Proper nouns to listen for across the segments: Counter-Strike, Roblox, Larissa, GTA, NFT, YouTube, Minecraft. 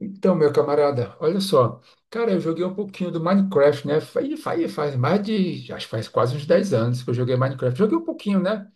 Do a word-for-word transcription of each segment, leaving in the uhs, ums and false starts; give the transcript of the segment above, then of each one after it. Então, meu camarada, olha só. Cara, eu joguei um pouquinho do Minecraft, né? Faz, faz, faz mais de. Acho que faz quase uns dez anos que eu joguei Minecraft. Joguei um pouquinho, né?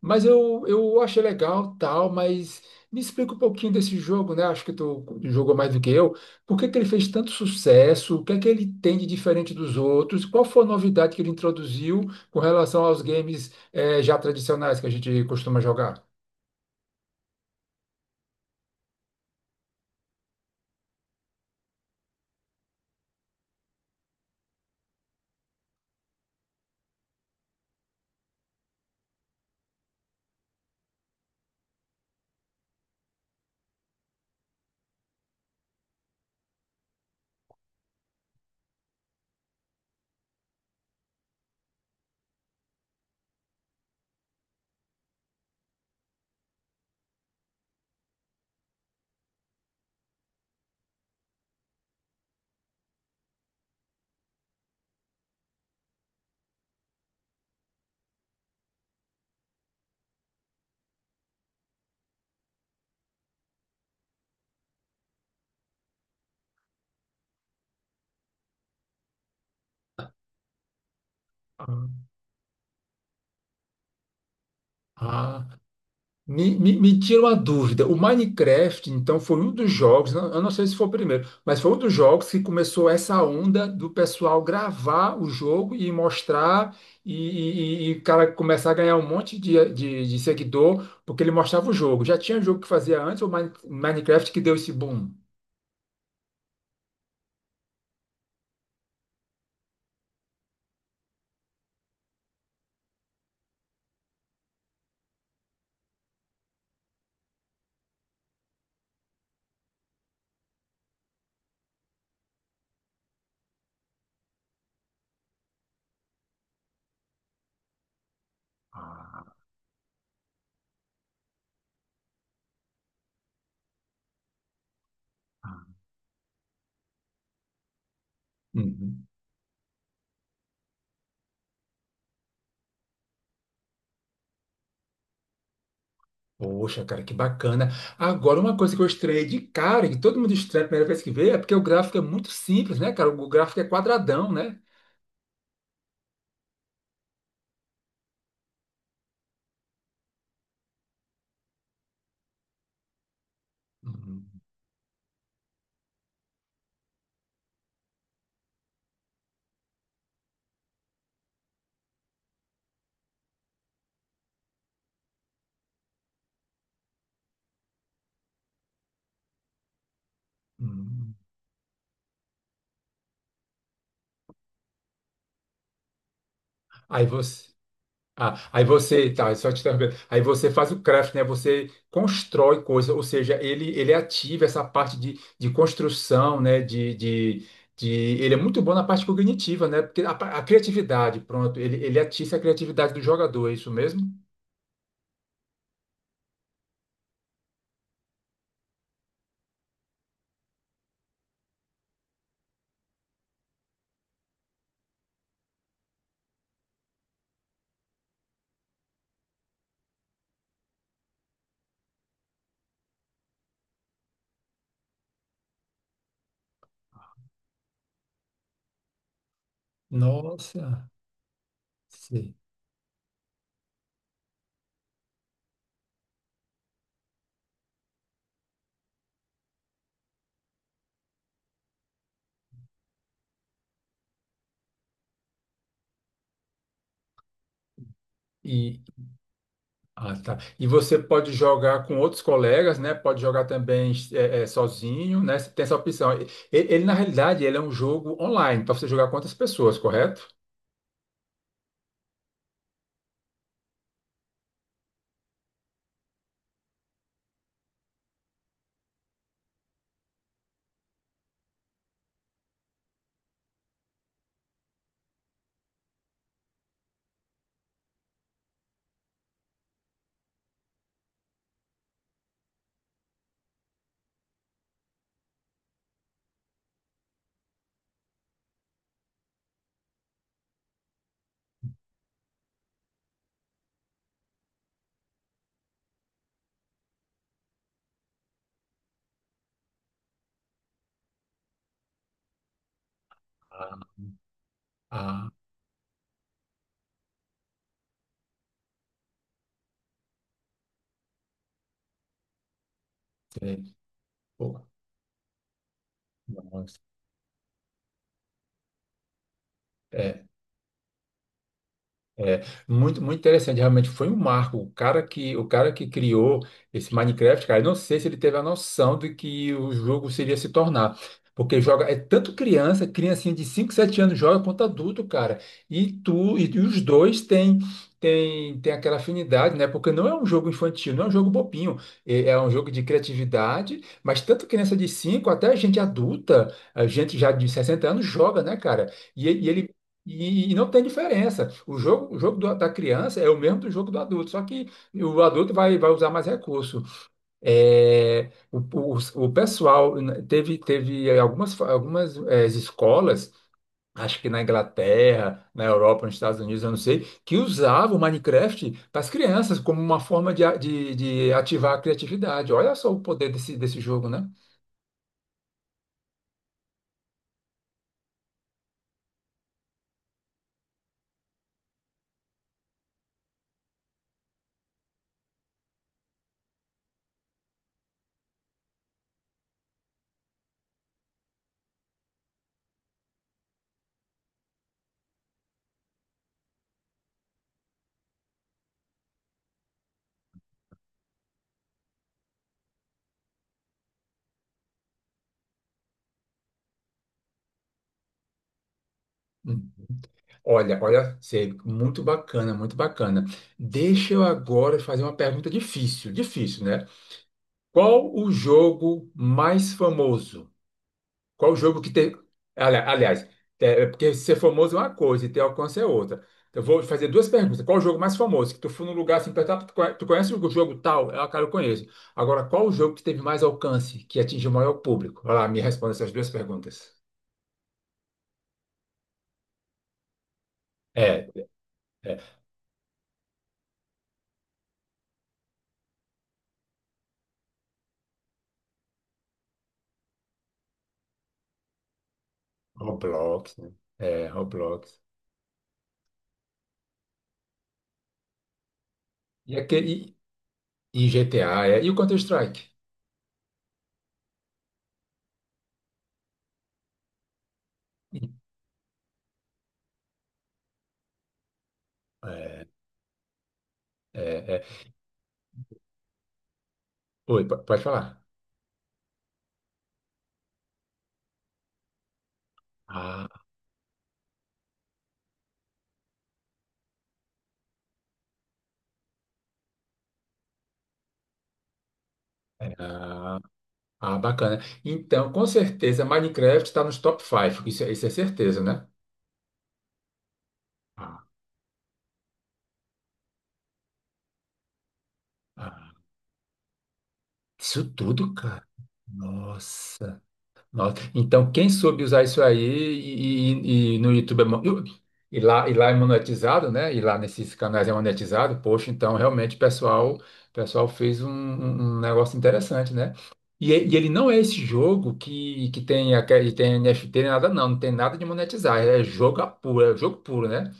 Mas eu, eu achei legal, tal, mas me explica um pouquinho desse jogo, né? Acho que tu jogou mais do que eu. Por que que ele fez tanto sucesso? O que é que ele tem de diferente dos outros? Qual foi a novidade que ele introduziu com relação aos games, eh, já tradicionais que a gente costuma jogar? Ah, Me, me, me tira uma dúvida. O Minecraft, então, foi um dos jogos, não- eu não sei se foi o primeiro, mas foi um dos jogos que começou essa onda do pessoal gravar o jogo e mostrar, e, e- e e o cara começar a ganhar um monte de, de, de seguidor, porque ele mostrava o jogo. Já tinha jogo que fazia antes, o Mine- Minecraft que deu esse boom. Uhum. Poxa, cara, que bacana. Agora, uma coisa que eu estranhei de cara, que todo mundo estranha a primeira vez que vê, é porque o gráfico é muito simples, né, cara? O gráfico é quadradão, né? Uhum. Uhum. Aí você. Ah, aí você, tá, só te interrompendo. Aí você faz o craft, né? Você constrói coisa, ou seja, ele ele ativa essa parte de, de construção, né? De, de, de, ele é muito bom na parte cognitiva, né? Porque a, pa- a criatividade, pronto, ele, ele atiça a criatividade do jogador, é isso mesmo? Nossa, sim. Ah, tá. E você pode jogar com outros colegas, né? Pode jogar também eh, eh, sozinho, né? Você tem essa opção. E- Ele, na realidade, ele é um jogo online para você jogar com outras pessoas, correto? Ah, ah, sei. Pô, nossa. É, é, muito, muito interessante, realmente foi um marco. O cara que, o cara que criou esse Minecraft, cara, eu não sei se ele teve a noção de que o jogo seria se tornar. Porque joga, é tanto criança, criancinha de cinco sete anos joga quanto adulto, cara. E tu, e, e os dois têm tem, tem aquela afinidade, né? Porque não é um jogo infantil, não é um jogo bobinho. É, é um jogo de criatividade, mas tanto criança de cinco até gente adulta, a gente já de sessenta anos joga, né, cara? E, ele e, e não tem diferença. O jogo, o jogo do- da criança é o mesmo do jogo do adulto, só que o adulto vai, vai usar mais recurso. É, o, o, o pessoal né, teve, teve algumas, fa- algumas eh, escolas, acho que na Inglaterra, na Europa, nos Estados Unidos, eu não sei, que usavam o Minecraft para as crianças como uma forma de, a- de, de ativar a criatividade. Olha só o poder desse, desse jogo, né? Olha, olha, Sê, muito bacana, muito bacana. Deixa eu agora fazer uma pergunta difícil, difícil, né? Qual o jogo mais famoso? Qual o jogo que tem. ali- Aliás, é, é, porque ser famoso é uma coisa e ter alcance é outra. Eu vou fazer duas perguntas. Qual o jogo mais famoso? Que tu foi num lugar assim, perguntar, tu conhe- tu conhece o jogo tal? É, ah, cara, eu conheço. Agora, qual o jogo que teve mais alcance, que atingiu o maior público? Vai lá, me responda essas duas perguntas. É, é Roblox, né? É, Roblox. E aquele. E G T A, é. E o Counter-Strike? É, é, é. Oi, po- pode falar. Ah, ah, ah, bacana. Então, com certeza, Minecraft está nos top cinco. Isso, é- isso é certeza, né? Ah, ah. Isso tudo, cara. Nossa. Nossa. Então, quem soube usar isso aí e, e- e no YouTube é, mo- e lá, e lá é monetizado, né? E lá nesses canais é monetizado, poxa, então realmente o pessoal, o pessoal fez um, um- um negócio interessante, né? E, e ele não é esse jogo que, que tem, aquele- tem N F T, nem nada, não, não tem nada de monetizar, é jogo a puro, é jogo puro, né?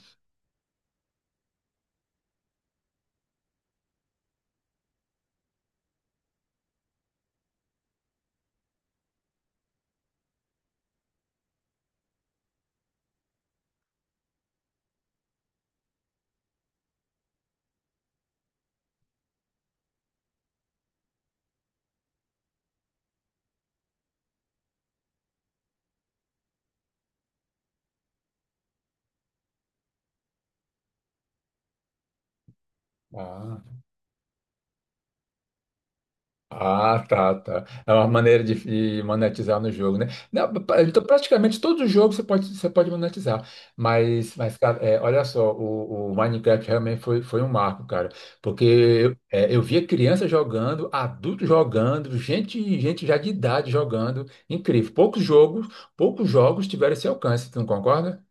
Ah. Ah, tá, tá. É uma maneira de, de monetizar no jogo, né? Não, pra- então, praticamente todo jogo você pode, você pode monetizar. Mas, mas cara, é, olha só, o, o Minecraft realmente foi, foi um marco, cara. Porque eu, é, eu via criança jogando, adulto jogando, gente, gente já de idade jogando. Incrível. Poucos jogos, poucos jogos tiveram esse alcance, tu não concorda?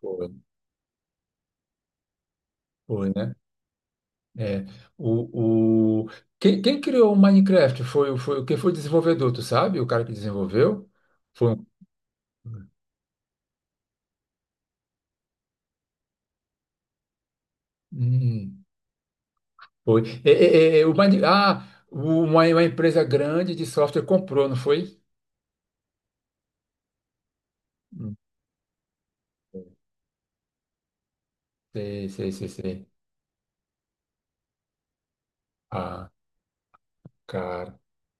Foi. Foi, né? É, o, o... Quem, quem criou o Minecraft foi, foi quem foi o desenvolvedor, tu sabe? O cara que desenvolveu? Foi um. Hum, foi. É, é, é, é, o Mine... Ah, o- uma, uma empresa grande de software comprou, não foi? Hum, Sei, sei, sei, sei. Ah, cara.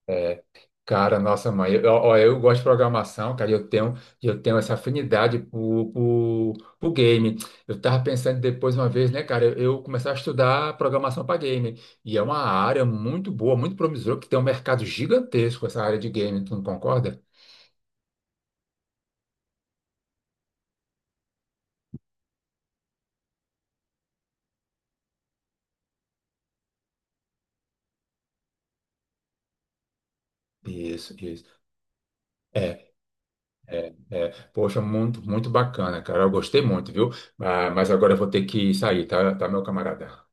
É. Cara, nossa mãe, eu, ó, eu gosto de programação, cara, e eu tenho, e eu tenho essa afinidade por, por, por game. Eu tava pensando depois uma vez, né, cara, eu, eu começar a estudar programação para game. E é uma área muito boa, muito promissora, que tem um mercado gigantesco essa área de game, tu não concorda? Isso, isso. É, é, é. Poxa, muito, muito bacana, cara. Eu gostei muito, viu? Ah, mas agora eu vou ter que sair, tá, tá, meu camarada?